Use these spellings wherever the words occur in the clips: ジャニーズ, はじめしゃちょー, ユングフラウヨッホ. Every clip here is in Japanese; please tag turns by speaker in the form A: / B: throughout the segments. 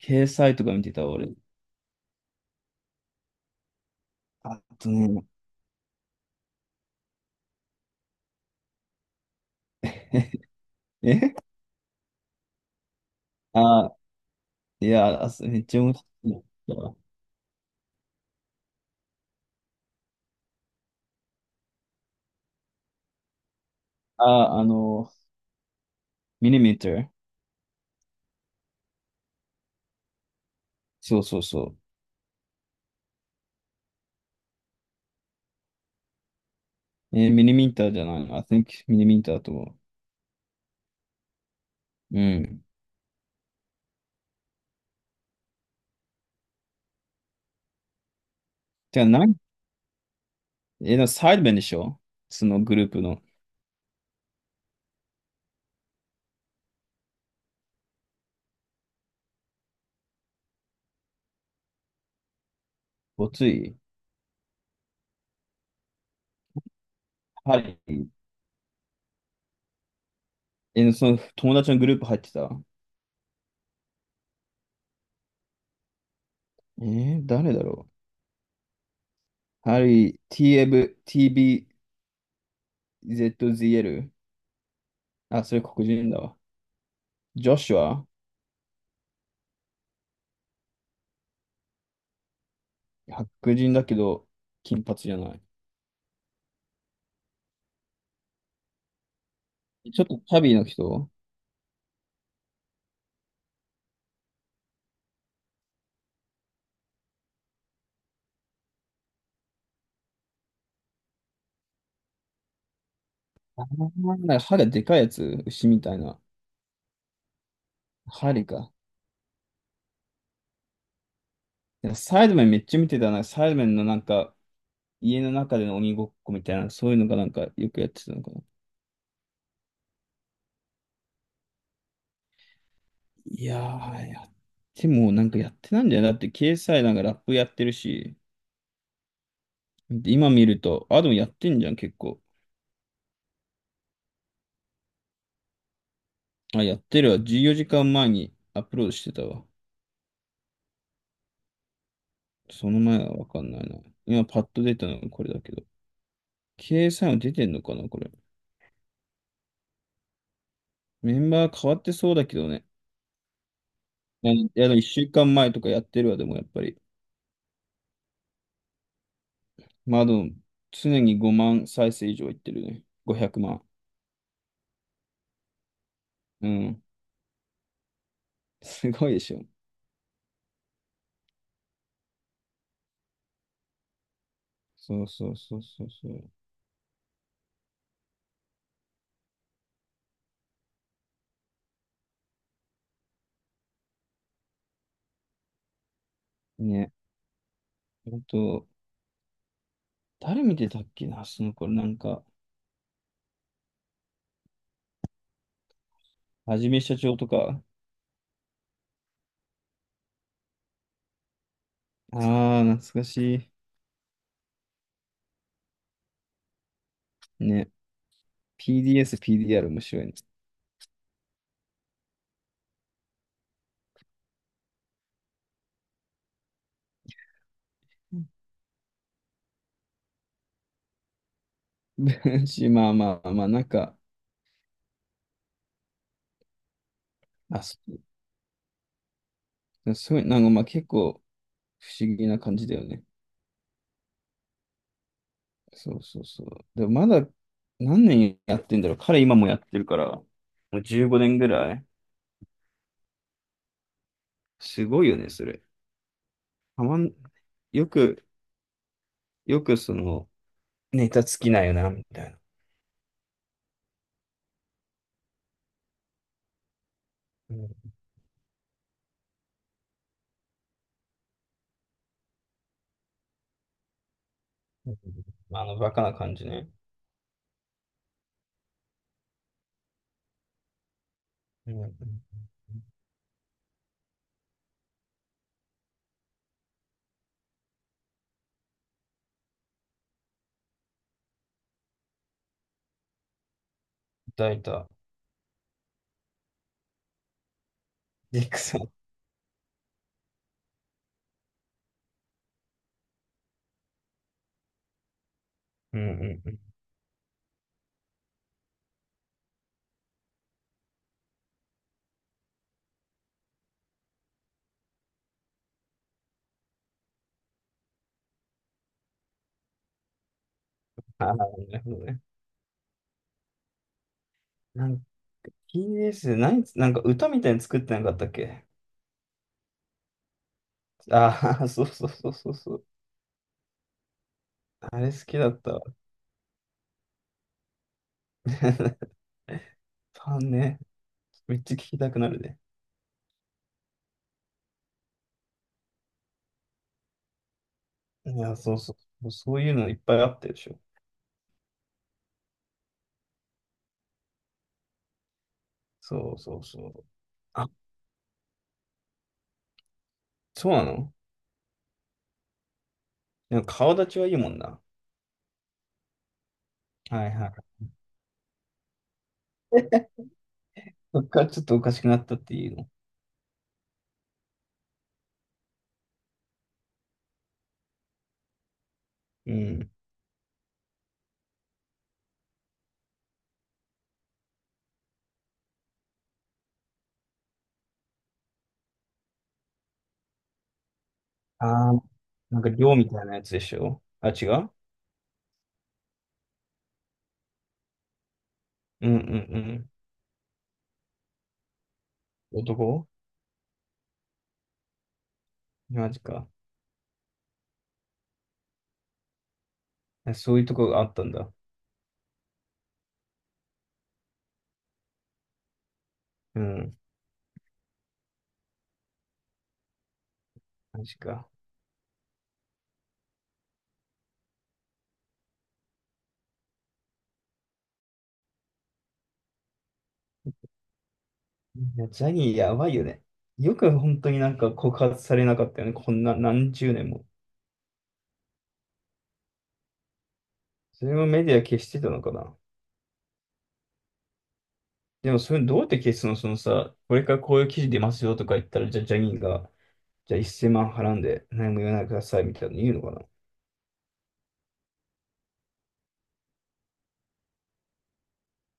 A: 掲載とか見てた、俺。あとね、えあ、いや、あめっちゃ面白い。あ、ミニミーター。そうそうそう。ミニミーターじゃないの？I think ミニミーターだと思う。うん。てか、なん、えー、サイドベンでしょ、そのグループの。ごつい。ハリー。その友達のグループ入ってた。誰だろう。ハリー、TF、TBZZL。あ、それ黒人だわ。ジョシュは白人だけど、金髪じゃない。ちょっとチャビーの人。なんか歯がでかいやつ、牛みたいな。針か。なんかサイドメンめっちゃ見てたな。サイドメンのなんか、家の中での鬼ごっこみたいな、そういうのがなんかよくやってたのかな。いやー、やってもなんかやってないんだよ。だって掲載なんかラップやってるし、で今見ると、あ、でもやってんじゃん、結構。あ、やってるわ。14時間前にアップロードしてたわ。その前はわかんないな。今パッと出たのがこれだけど。掲載も出てんのかな、これ。メンバー変わってそうだけどね。やいや、でも1週間前とかやってるわ、でもやっぱり。まあ、でも常に5万再生以上いってるね。500万。うん。すごいでしょ。そうそうそうそうそう。ね。あと、誰見てたっけな、その頃なんか、はじめしゃちょーとか。ああ、懐かしい。ね。PDS、PDR 面白いね。うんし、まあまあまあ、なんか、あ、そうすごい、なんかまあ結構不思議な感じだよね。そうそうそう。でもまだ何年やってんだろう。彼今もやってるから、もう15年ぐらい。すごいよね、それ。たまん、よく、よくその、ネタ尽きないよな、みたいな。うんうん。あの、バカな感じね。うんうん。いいた。ディックさん。うんうんうん。ああ、なるほどね。なんか、ティービーエスでなんか歌みたいに作ってなかったっけ？ああ、そうそうそうそうそう。あれ好きだったわ。ファンね。めっちゃ聞きたくなるね。いや、そうそう。そういうのいっぱいあったでしょ。そうそうそう。あ、そうなの？でも顔立ちはいいもんな。はいはい。そっからちょっとおかしくなったっていうの。うん。ああ、なんか寮みたいなやつでしょ。あ、違う？うんうんうん。マジか。え、そういうとこがあったんだ。うん。マジか。いや、ジャニーやばいよね。よく本当になんか告発されなかったよね。こんな何十年も。それもメディア消してたのかな。でも、それどうやって消すの、そのさ、これからこういう記事出ますよとか言ったら、じゃあ、ジャニーが、じゃあ1万払うんで、何も言わないでくださいみたいなの言うのかな？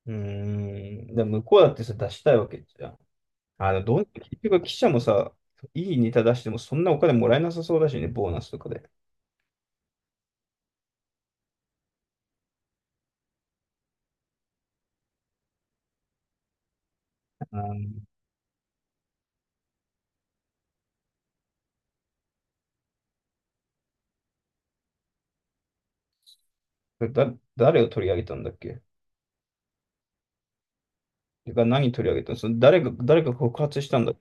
A: うーん。だから向こうだってさ、出したいわけじゃん。結局記者もさ、いいネタ出してもそんなお金もらえなさそうだしね、ボーナスとかで。うん。だ、誰を取り上げたんだっけ？てか、何取り上げたの？その誰が告発したんだ？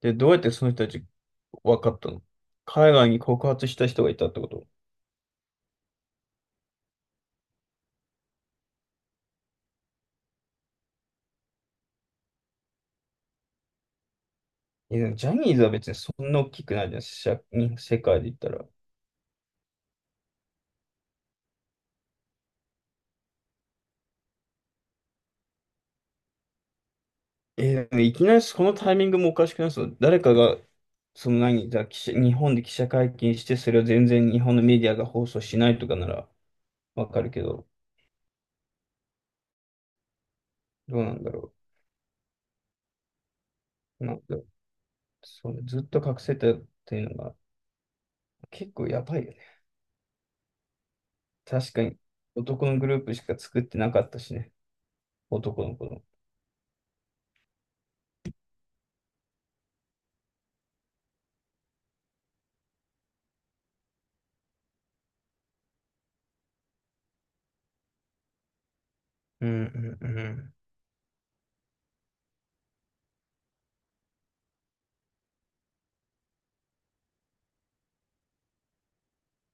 A: で、どうやってその人たち分かったの？海外に告発した人がいたってこと？いや、でもジャニーズは別にそんな大きくないじゃん、世界で言ったら。え、でもいきなりこのタイミングもおかしくない？そう、誰かが、その何、じゃあ記者、日本で記者会見して、それを全然日本のメディアが放送しないとかならわかるけど、どうなんだろう。なんか、それずっと隠せたっていうのが結構やばいよね。確かに、男のグループしか作ってなかったしね。男の子の。うんうんうん。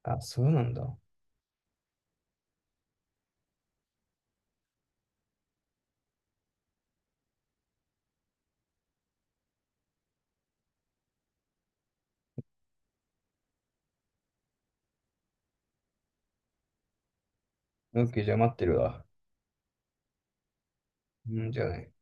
A: あ、そうなんだ。オッケー、じゃあ待ってるわ。うん、じゃあね。